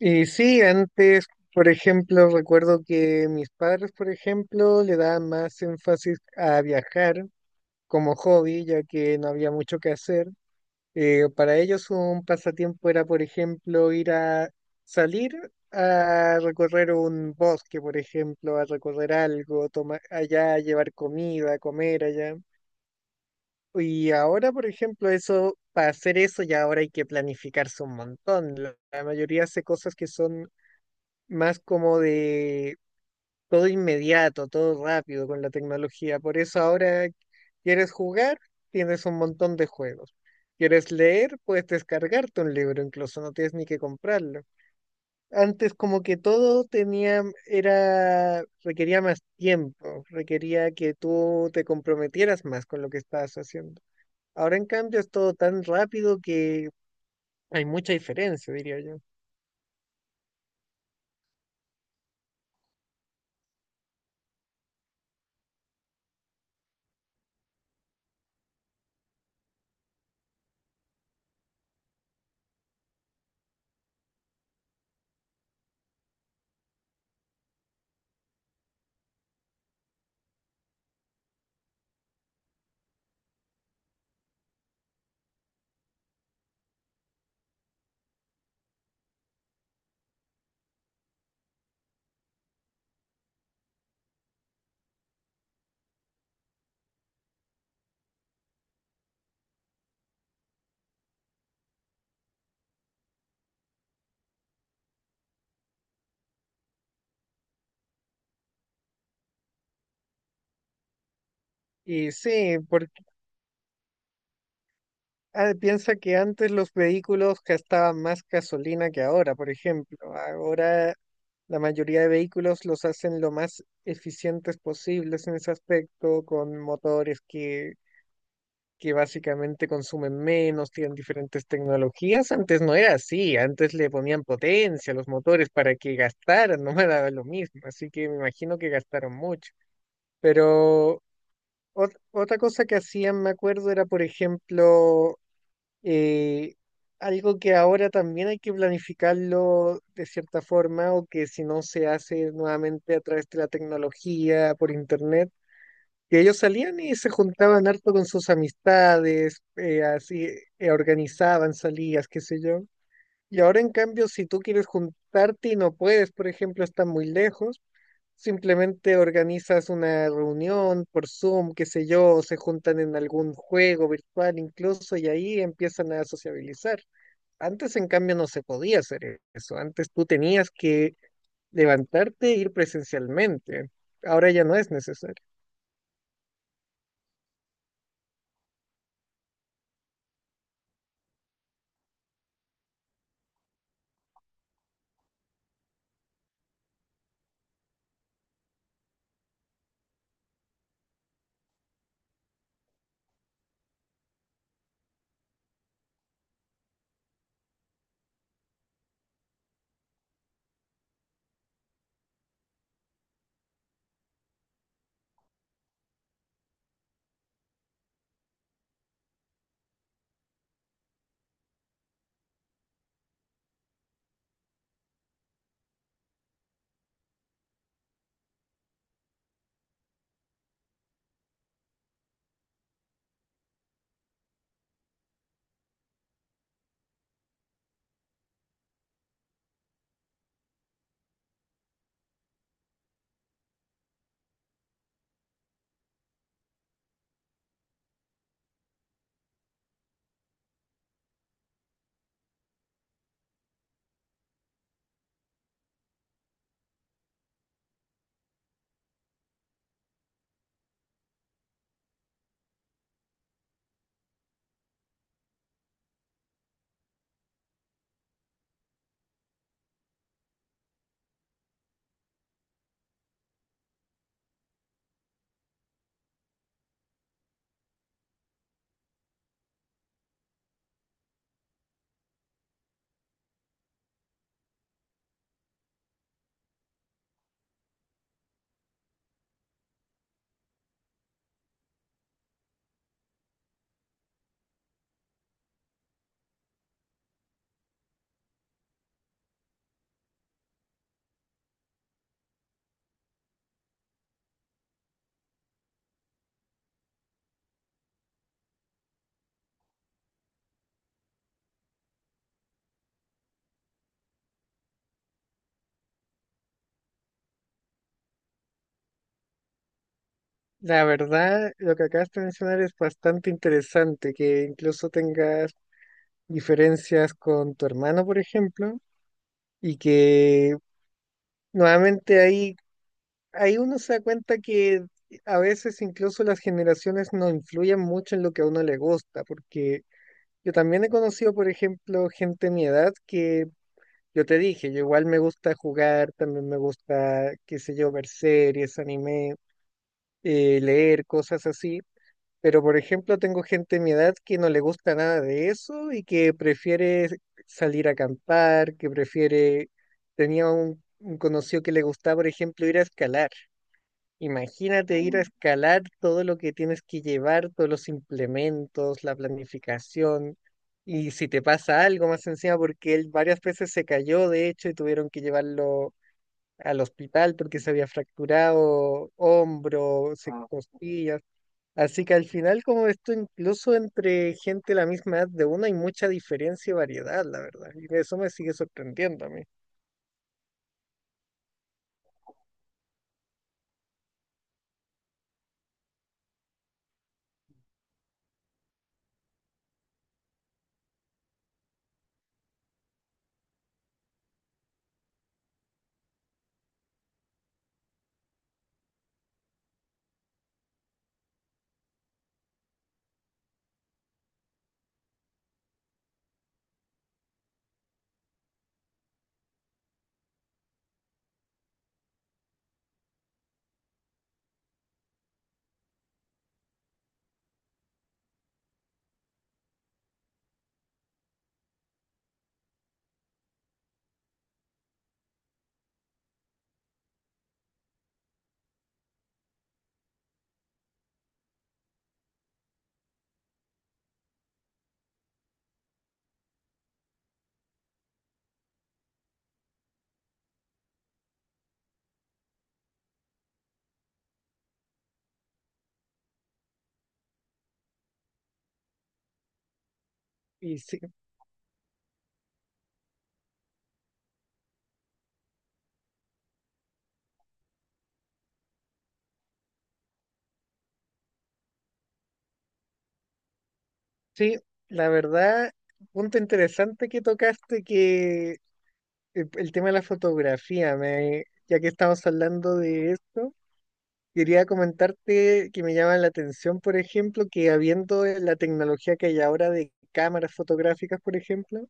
Y sí, antes, por ejemplo, recuerdo que mis padres, por ejemplo, le daban más énfasis a viajar como hobby, ya que no había mucho que hacer. Para ellos un pasatiempo era, por ejemplo, ir a salir a recorrer un bosque, por ejemplo, a recorrer algo, tomar allá, llevar comida, comer allá. Y ahora, por ejemplo, eso, para hacer eso ya ahora hay que planificarse un montón. La mayoría hace cosas que son más como de todo inmediato, todo rápido con la tecnología. Por eso ahora quieres jugar, tienes un montón de juegos. Quieres leer, puedes descargarte un libro, incluso no tienes ni que comprarlo. Antes como que todo tenía, era, requería más tiempo, requería que tú te comprometieras más con lo que estabas haciendo. Ahora en cambio es todo tan rápido que hay mucha diferencia, diría yo. Y sí, por, ah, piensa que antes los vehículos gastaban más gasolina que ahora, por ejemplo. Ahora la mayoría de vehículos los hacen lo más eficientes posibles en ese aspecto, con motores que básicamente consumen menos, tienen diferentes tecnologías. Antes no era así, antes le ponían potencia a los motores para que gastaran, no me daba lo mismo, así que me imagino que gastaron mucho. Pero otra cosa que hacían, me acuerdo, era, por ejemplo, eh, algo que ahora también hay que planificarlo de cierta forma o que si no se hace nuevamente a través de la tecnología, por internet, que ellos salían y se juntaban harto con sus amistades, así organizaban salidas, qué sé yo. Y ahora en cambio, si tú quieres juntarte y no puedes, por ejemplo, están muy lejos. Simplemente organizas una reunión por Zoom, qué sé yo, o se juntan en algún juego virtual incluso y ahí empiezan a sociabilizar. Antes, en cambio, no se podía hacer eso. Antes tú tenías que levantarte e ir presencialmente. Ahora ya no es necesario. La verdad, lo que acabas de mencionar es bastante interesante, que incluso tengas diferencias con tu hermano, por ejemplo, y que nuevamente ahí, ahí uno se da cuenta que a veces incluso las generaciones no influyen mucho en lo que a uno le gusta, porque yo también he conocido, por ejemplo, gente de mi edad que yo te dije, yo igual me gusta jugar, también me gusta, qué sé yo, ver series, anime, leer cosas así. Pero, por ejemplo, tengo gente de mi edad que no le gusta nada de eso y que prefiere salir a acampar, que prefiere... Tenía un conocido que le gustaba, por ejemplo, ir a escalar. Imagínate ir a escalar todo lo que tienes que llevar, todos los implementos, la planificación, y si te pasa algo más encima, porque él varias veces se cayó, de hecho, y tuvieron que llevarlo al hospital porque se había fracturado hombro, se- costillas. Así que al final, como esto, incluso entre gente de la misma edad de uno, hay mucha diferencia y variedad, la verdad. Y eso me sigue sorprendiendo a mí. Y sí, sí, la verdad punto interesante que tocaste que el tema de la fotografía, me, ya que estamos hablando de esto, quería comentarte que me llama la atención, por ejemplo, que habiendo la tecnología que hay ahora de cámaras fotográficas, por ejemplo,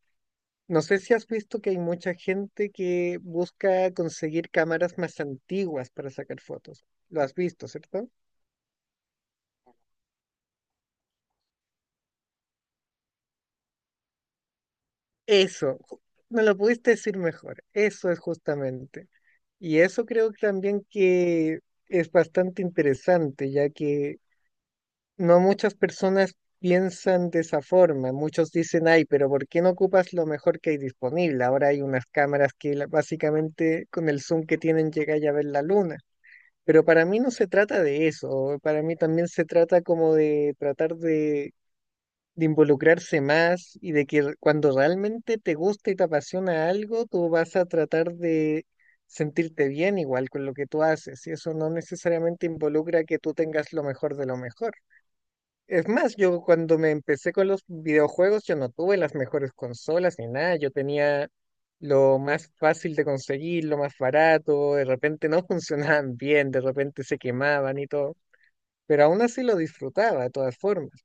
no sé si has visto que hay mucha gente que busca conseguir cámaras más antiguas para sacar fotos. Lo has visto, ¿cierto? Eso, me lo pudiste decir mejor, eso es justamente. Y eso creo que también que es bastante interesante, ya que no muchas personas piensan de esa forma. Muchos dicen, ay, pero ¿por qué no ocupas lo mejor que hay disponible? Ahora hay unas cámaras que básicamente con el zoom que tienen llegáis a ver la luna. Pero para mí no se trata de eso. Para mí también se trata como de tratar de involucrarse más y de que cuando realmente te gusta y te apasiona algo, tú vas a tratar de sentirte bien igual con lo que tú haces. Y eso no necesariamente involucra que tú tengas lo mejor de lo mejor. Es más, yo cuando me empecé con los videojuegos, yo no tuve las mejores consolas ni nada, yo tenía lo más fácil de conseguir, lo más barato, de repente no funcionaban bien, de repente se quemaban y todo, pero aún así lo disfrutaba de todas formas.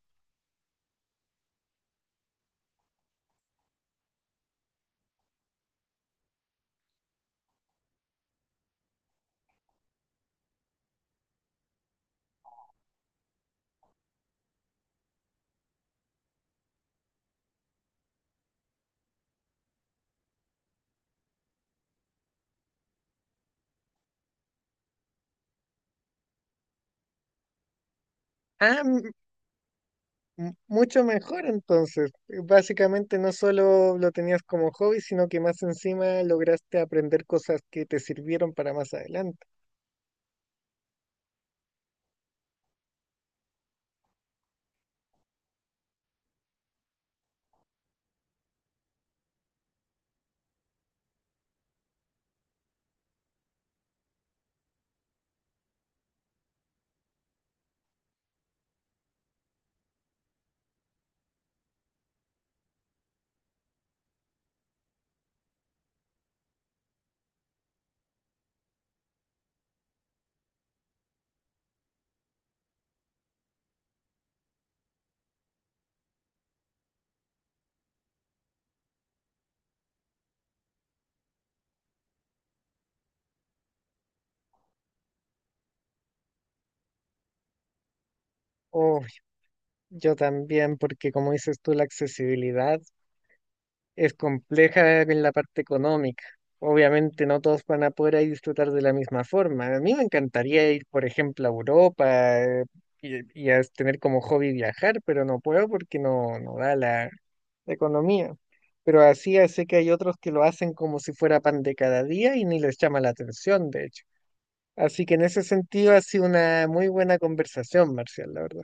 Ah, mucho mejor entonces, básicamente no solo lo tenías como hobby, sino que más encima lograste aprender cosas que te sirvieron para más adelante. Oh, yo también, porque como dices tú, la accesibilidad. Es compleja en la parte económica. Obviamente no todos van a poder ahí disfrutar de la misma forma. A mí me encantaría ir, por ejemplo, a Europa, y a tener como hobby viajar, pero no puedo porque no, no da la, la economía. Pero así ya sé que hay otros que lo hacen como si fuera pan de cada día y ni les llama la atención, de hecho. Así que en ese sentido ha sido una muy buena conversación, Marcial, la verdad.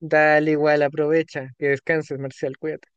Dale igual, aprovecha, que descanses, Marcial, cuídate.